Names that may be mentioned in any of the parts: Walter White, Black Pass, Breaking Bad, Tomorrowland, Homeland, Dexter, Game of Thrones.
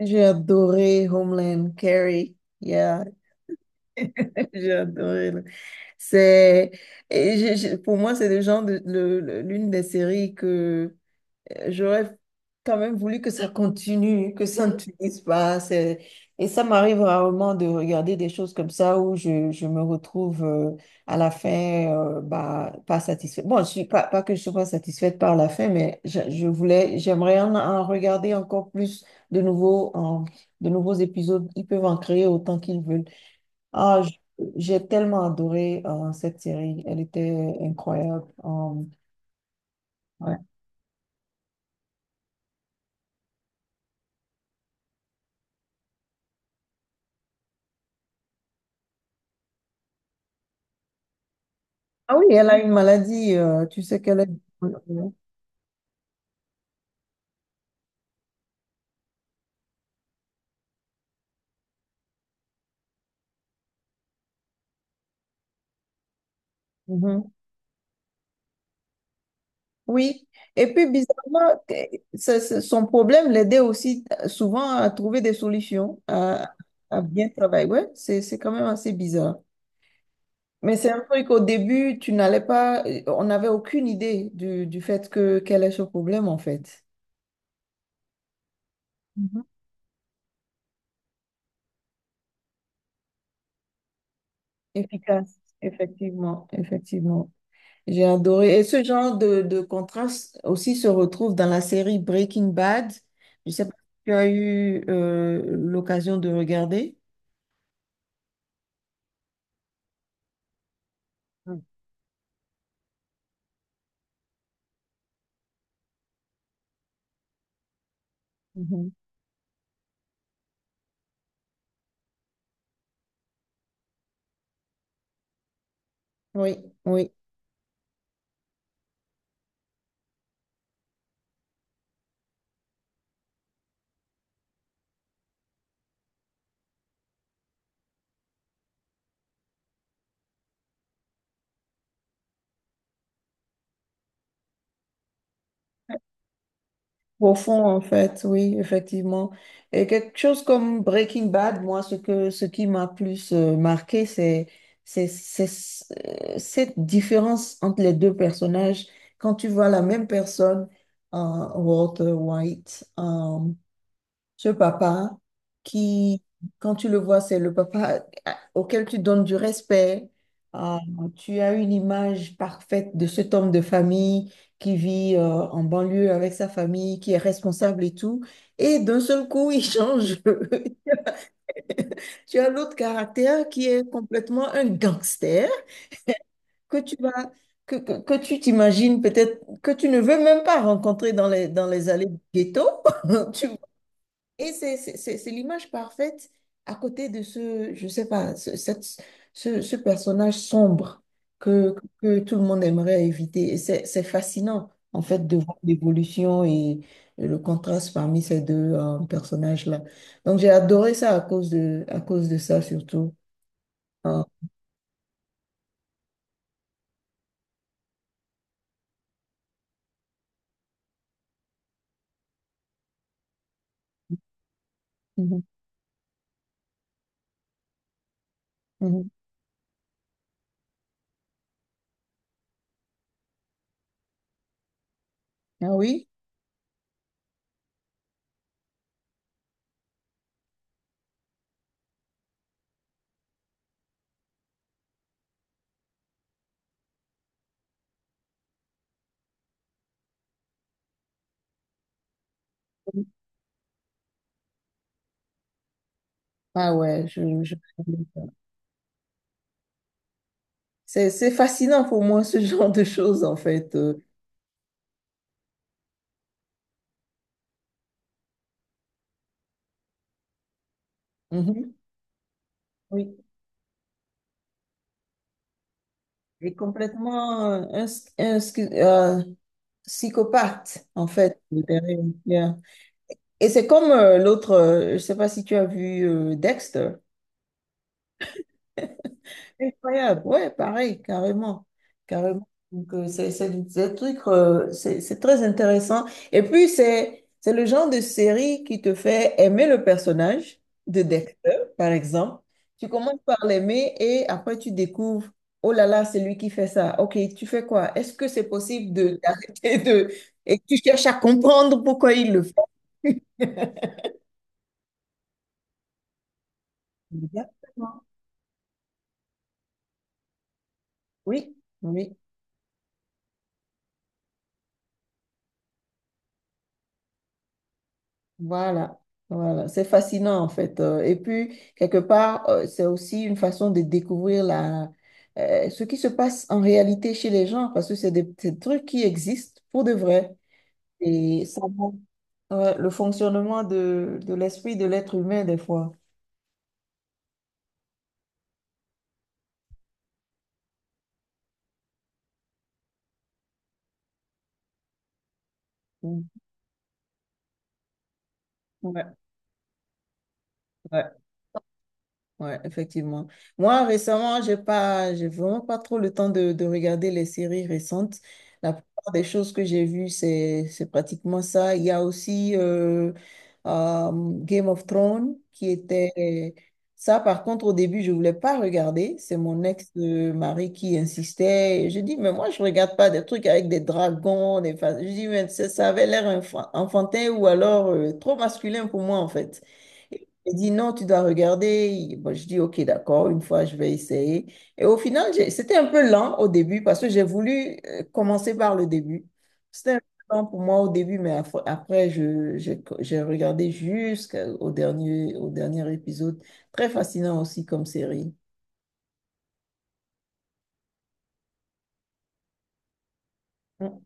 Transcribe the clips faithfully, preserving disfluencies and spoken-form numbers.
J'ai adoré Homeland, Carrie. Yeah, j'ai adoré. Là. C'est, et j'ai- j'ai- pour moi, c'est le genre de, le- le- l'une des séries que, j'aurais quand même voulu que ça continue, que ça ne finisse pas. C'est- Et ça m'arrive rarement de regarder des choses comme ça où je, je me retrouve euh, à la fin euh, bah, pas satisfaite. Bon, je suis pas, pas que je sois pas satisfaite par la fin, mais je, je voulais, j'aimerais en, en regarder encore plus de nouveaux, en- de nouveaux épisodes. Ils peuvent en créer autant qu'ils veulent. Ah, j- j'ai tellement adoré euh, cette série. Elle était incroyable. Euh, ouais. Ah oui, elle a une maladie, euh, tu sais qu'elle est... Mhm. Mhm. Oui, et puis bizarrement, que- c'est- c'est- son problème l'aidait aussi euh, souvent à trouver des solutions, à, à bien travailler. Ouais, c'est, c'est quand même assez bizarre. Mais c'est un truc qu'au début, tu n'allais pas, euh, on n'avait aucune idée du, du fait que quel est ce problème en fait. Mhm. Efficace, effectivement, effectivement. J'ai adoré. Et ce genre de, de contraste aussi se retrouve dans la série Breaking Bad. Je sais pas si tu as eu euh, l'occasion de regarder. Mm. Mhm. Oui, oui. Profond, en fait, oui, effectivement. Et quelque chose comme Breaking Bad, moi, ce que, ce qui m'a plus euh, marqué, c'est, c'est, c'est ce- euh, cette différence entre les deux personnages. Quand tu vois la même personne, euh, Walter White, ce papa qui, quand tu le vois, c'est le papa euh, auquel tu donnes du respect. Ah, tu as une image parfaite de cet homme de famille qui vit euh, en banlieue avec sa famille, qui est responsable et tout. Et d'un seul coup, il change. Tu as l'autre caractère qui est complètement un gangster que tu vas, que, que, que tu t'imagines peut-être, que tu ne veux même pas rencontrer dans les, dans les allées du ghetto. Et c'est c'est- c'est- c'est l'image parfaite à côté de ce, je sais pas, ce, cette- ce, ce personnage sombre que, que tout le monde aimerait éviter. Et c'est c'est fascinant, en fait, de voir l'évolution et le contraste parmi ces deux euh, personnages-là. Donc, j'ai adoré ça à cause de, à cause de ça, surtout. Ah, mhm, mhm. Ah oui? Ah ouais, je, je... C'est c'est fascinant pour moi, ce genre de choses, en fait. Euh, mhm. Oui. J'ai complètement euh, un, sc- un sc- euh, psychopathe, en fait. Je dirais. Yeah. Et c'est comme euh, l'autre, euh, je ne sais pas si tu as vu euh, Dexter. Incroyable, ouais, pareil, carrément, carrément. Donc, euh, c'est c'est des trucs, euh, c'est c'est très intéressant. Et puis, c'est c'est le genre de série qui te fait aimer le personnage de Dexter, par exemple. Tu commences par l'aimer et après, tu découvres, oh là là, c'est lui qui fait ça. Ok, tu fais quoi? Est-ce que c'est possible de d'arrêter de... Et tu cherches à comprendre pourquoi il le fait. Exactement. Oui, oui. Voilà, voilà, c'est fascinant en fait. Euh, Et puis, quelque part, euh, c'est aussi une façon de découvrir la, euh, ce qui se passe en réalité chez les gens, parce que c'est des, c'est des trucs qui existent pour de vrai. Et ça montre, ouais, le fonctionnement de, de l'esprit de l'être humain des fois. Mm. Ouais, ouais. Ouais, effectivement. Moi, récemment, j'ai pas, j'ai vraiment pas trop le temps de, de regarder les séries récentes. La plupart des choses que j'ai vues, c'est, c'est pratiquement ça. Il y a aussi euh, euh, Game of Thrones qui était... Ça, par contre, au début, je voulais pas regarder. C'est mon ex-mari qui insistait. Et je dis, mais moi, je regarde pas des trucs avec des dragons, des... fa- Je dis, mais ça ça avait l'air enfan- enfantin ou alors euh, trop masculin pour moi, en fait. Il dit non, tu dois regarder. Il- Bon, je dis ok, d'accord, une fois je vais essayer. Et au final, j'ai- c'était un peu lent au début parce que j'ai voulu euh, commencer par le début. C'était un peu lent pour moi au début, mais af- après, je, j'ai j'ai regardé jusqu'au dernier, au dernier épisode. Très fascinant aussi comme série. Mm,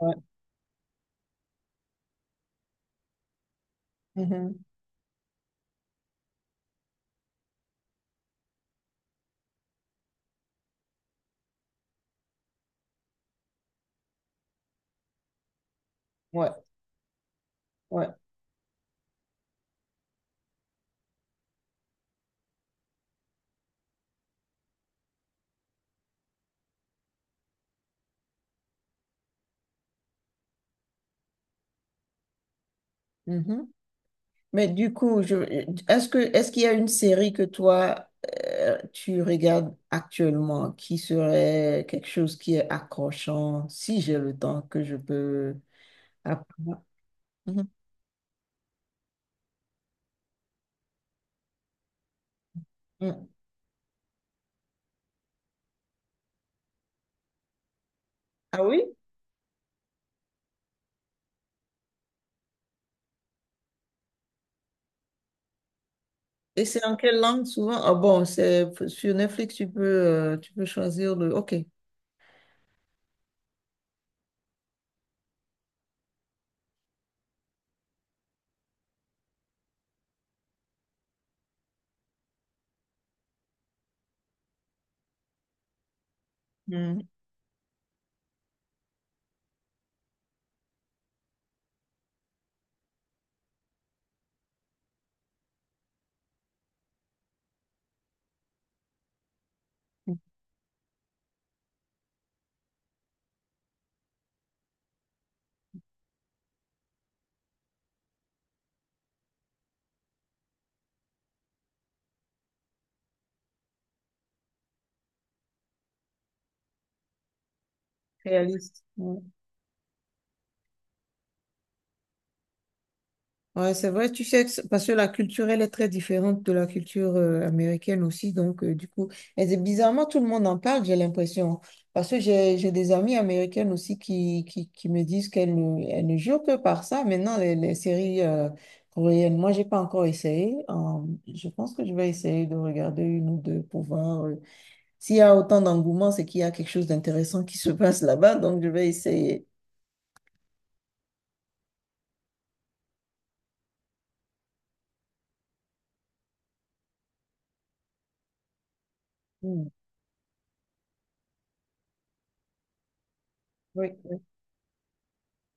ouais. Mhm. Ouais. Ouais. Mhm. Mais du coup, je, est-ce que, est-ce qu'il y a une série que toi, euh, tu regardes actuellement qui serait quelque chose qui est accrochant, si j'ai le temps que je peux apprendre? Mhm. Mm. Ah oui? Et c'est en quelle langue souvent? Ah bon, c'est sur Netflix, tu peux, euh, tu peux choisir le... OK. Mm. Réaliste. Ouais. Ouais, c'est vrai, tu sais, que c'est- parce que la culture, elle est très différente de la culture euh, américaine aussi. Donc, euh, du coup, et c'est- bizarrement, tout le monde en parle, j'ai l'impression. Parce que j'ai j'ai des amies américaines aussi qui, qui, qui me disent qu'elles ne, elles ne jurent que par ça. Maintenant, les, les séries euh, coréennes, moi, j'ai pas encore essayé. Euh, je pense que je vais essayer de regarder une ou deux pour voir. Euh, s'il y a autant d'engouement, c'est qu'il y a quelque chose d'intéressant qui se passe là-bas. Donc, je vais essayer. Hmm. Oui,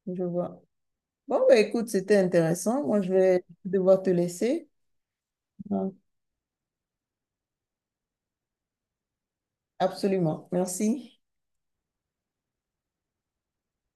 oui, je vois. Bon, bah, écoute, c'était intéressant. Moi, je vais devoir te laisser. Donc, absolument. Merci.